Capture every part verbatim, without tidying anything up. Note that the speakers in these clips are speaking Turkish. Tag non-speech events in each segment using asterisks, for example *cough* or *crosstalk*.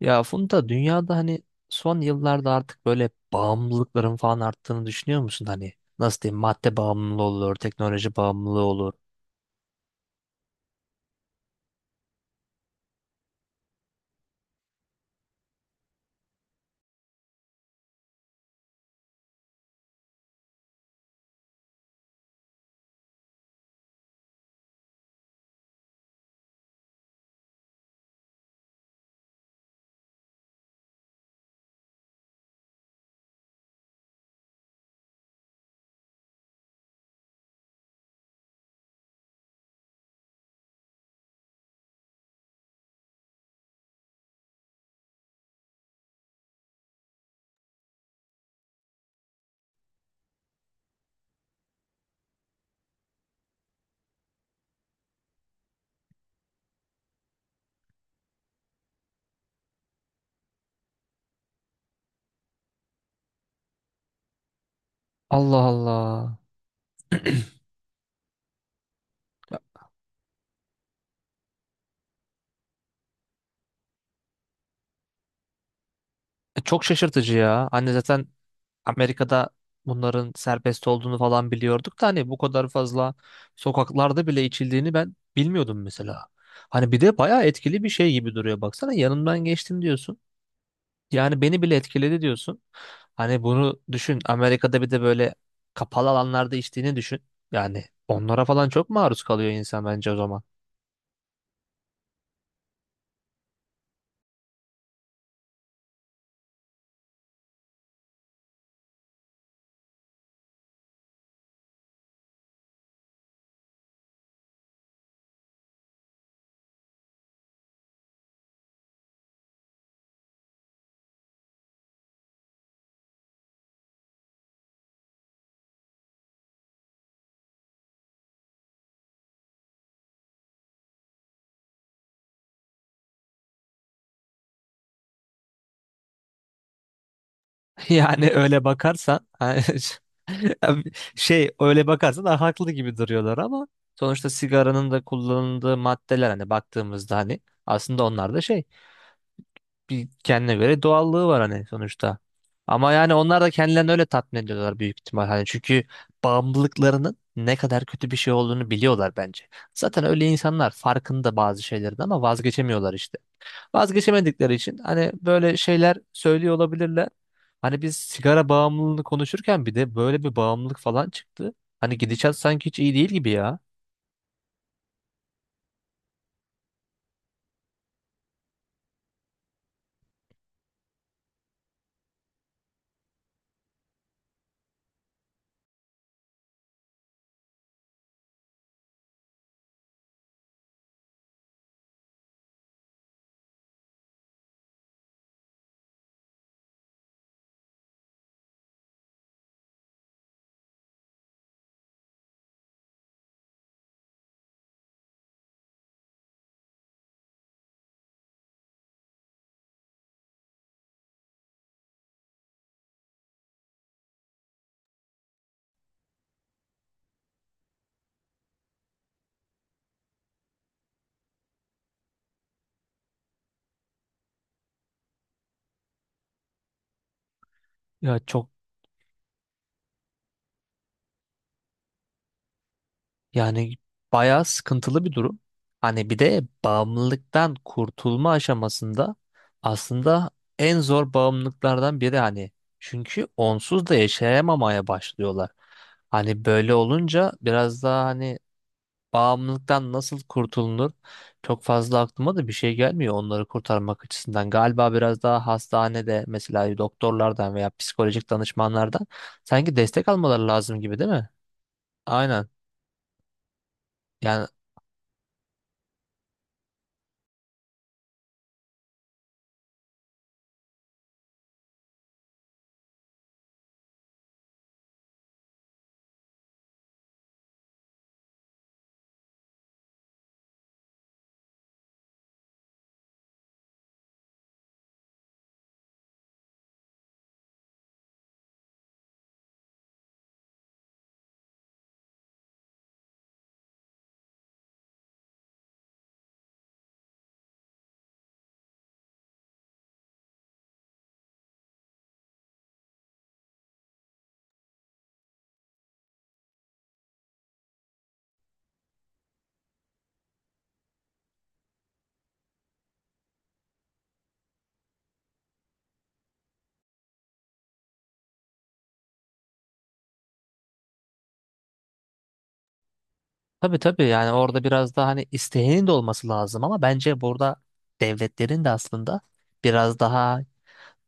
Ya Funda, dünyada hani son yıllarda artık böyle bağımlılıkların falan arttığını düşünüyor musun? Hani nasıl diyeyim, madde bağımlılığı olur, teknoloji bağımlılığı olur. Allah Allah. E, çok şaşırtıcı ya. Hani zaten Amerika'da bunların serbest olduğunu falan biliyorduk da hani bu kadar fazla sokaklarda bile içildiğini ben bilmiyordum mesela. Hani bir de bayağı etkili bir şey gibi duruyor. Baksana, yanından geçtim diyorsun. Yani beni bile etkiledi diyorsun. Hani bunu düşün, Amerika'da bir de böyle kapalı alanlarda içtiğini düşün. Yani onlara falan çok maruz kalıyor insan bence o zaman. *laughs* Yani öyle bakarsan hani *laughs* şey öyle bakarsan da haklı gibi duruyorlar, ama sonuçta sigaranın da kullanıldığı maddeler, hani baktığımızda hani aslında onlar da şey bir kendine göre doğallığı var hani sonuçta. Ama yani onlar da kendilerini öyle tatmin ediyorlar büyük ihtimal. Hani çünkü bağımlılıklarının ne kadar kötü bir şey olduğunu biliyorlar bence. Zaten öyle insanlar farkında bazı şeylerin, ama vazgeçemiyorlar işte. Vazgeçemedikleri için hani böyle şeyler söylüyor olabilirler. Hani biz sigara bağımlılığını konuşurken bir de böyle bir bağımlılık falan çıktı. Hani gidişat sanki hiç iyi değil gibi ya. Ya çok Yani bayağı sıkıntılı bir durum. Hani bir de bağımlılıktan kurtulma aşamasında aslında en zor bağımlılıklardan biri hani. Çünkü onsuz da yaşayamamaya başlıyorlar. Hani böyle olunca biraz daha hani bağımlılıktan nasıl kurtulunur çok fazla aklıma da bir şey gelmiyor, onları kurtarmak açısından. Galiba biraz daha hastanede mesela doktorlardan veya psikolojik danışmanlardan sanki destek almaları lazım gibi, değil mi? Aynen. Yani Tabii tabii, yani orada biraz daha hani isteğinin de olması lazım, ama bence burada devletlerin de aslında biraz daha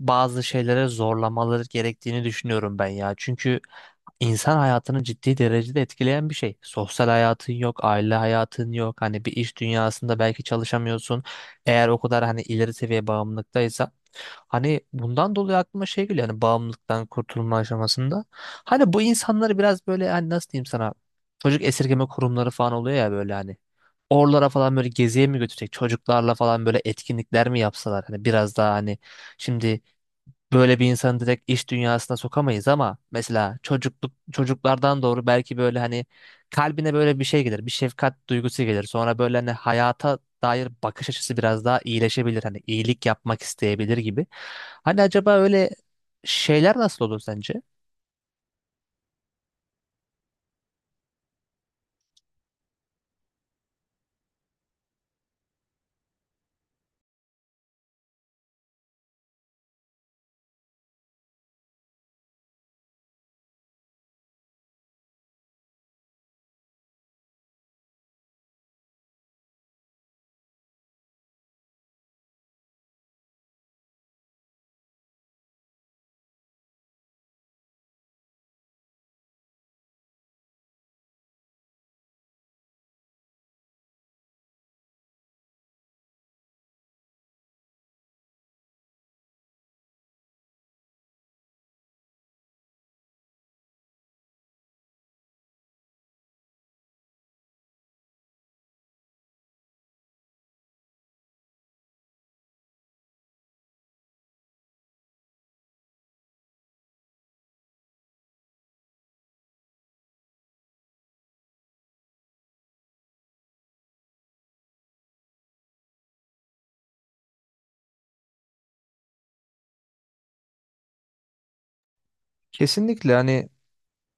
bazı şeylere zorlamaları gerektiğini düşünüyorum ben ya. Çünkü insan hayatını ciddi derecede etkileyen bir şey. Sosyal hayatın yok, aile hayatın yok. Hani bir iş dünyasında belki çalışamıyorsun. Eğer o kadar hani ileri seviye bağımlılıktaysa. Hani bundan dolayı aklıma şey geliyor, hani bağımlılıktan kurtulma aşamasında. Hani bu insanları biraz böyle hani nasıl diyeyim sana, çocuk esirgeme kurumları falan oluyor ya böyle hani. Oralara falan böyle geziye mi götürecek, çocuklarla falan böyle etkinlikler mi yapsalar, hani biraz daha hani şimdi böyle bir insanı direkt iş dünyasına sokamayız, ama mesela çocukluk çocuklardan doğru belki böyle hani kalbine böyle bir şey gelir, bir şefkat duygusu gelir. Sonra böyle hani hayata dair bakış açısı biraz daha iyileşebilir. Hani iyilik yapmak isteyebilir gibi. Hani acaba öyle şeyler nasıl olur sence? Kesinlikle hani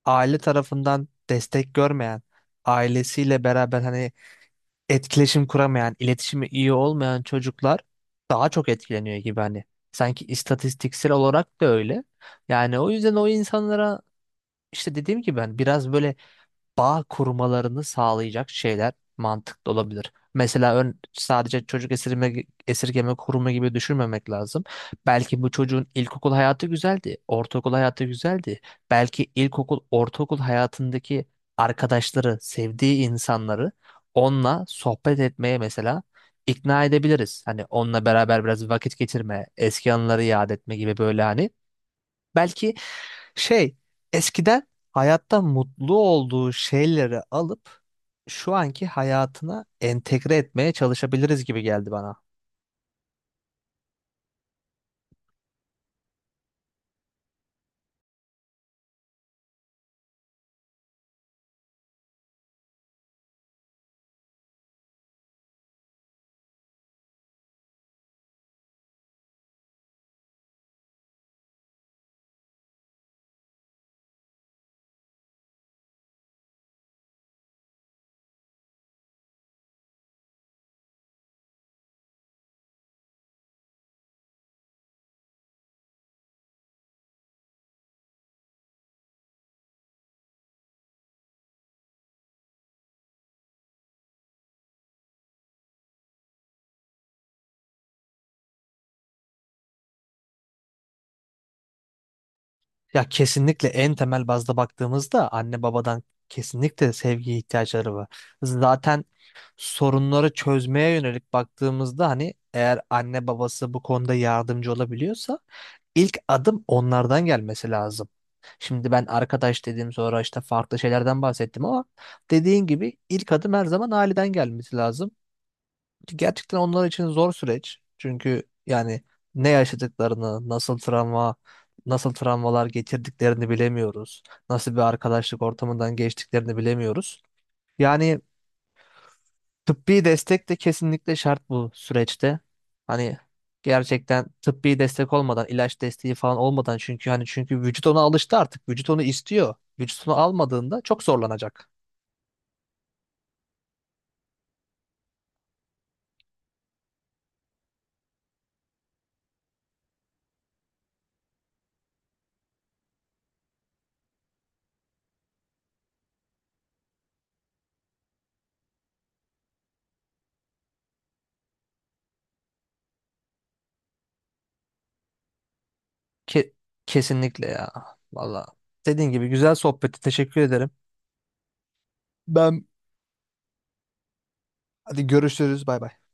aile tarafından destek görmeyen, ailesiyle beraber hani etkileşim kuramayan, iletişimi iyi olmayan çocuklar daha çok etkileniyor gibi hani. Sanki istatistiksel olarak da öyle. Yani o yüzden o insanlara işte dediğim gibi ben biraz böyle bağ kurmalarını sağlayacak şeyler mantıklı olabilir. Mesela ön, sadece çocuk esirme, esirgeme kurumu gibi düşünmemek lazım. Belki bu çocuğun ilkokul hayatı güzeldi, ortaokul hayatı güzeldi. Belki ilkokul, ortaokul hayatındaki arkadaşları, sevdiği insanları onunla sohbet etmeye mesela ikna edebiliriz. Hani onunla beraber biraz vakit geçirme, eski anıları yad etme gibi böyle hani. Belki şey eskiden hayatta mutlu olduğu şeyleri alıp şu anki hayatına entegre etmeye çalışabiliriz gibi geldi bana. Ya kesinlikle en temel bazda baktığımızda anne babadan kesinlikle sevgi ihtiyaçları var. Zaten sorunları çözmeye yönelik baktığımızda hani eğer anne babası bu konuda yardımcı olabiliyorsa ilk adım onlardan gelmesi lazım. Şimdi ben arkadaş dediğim sonra işte farklı şeylerden bahsettim, ama dediğin gibi ilk adım her zaman aileden gelmesi lazım. Gerçekten onlar için zor süreç. Çünkü yani ne yaşadıklarını, nasıl travma, nasıl travmalar getirdiklerini bilemiyoruz. Nasıl bir arkadaşlık ortamından geçtiklerini bilemiyoruz. Yani Tıbbi destek de kesinlikle şart bu süreçte. Hani gerçekten tıbbi destek olmadan, ilaç desteği falan olmadan, çünkü hani çünkü vücut ona alıştı artık. Vücut onu istiyor. Vücut onu almadığında çok zorlanacak. Ke- kesinlikle ya. Valla. Dediğin gibi, güzel sohbeti teşekkür ederim. Ben Hadi görüşürüz. Bay bay.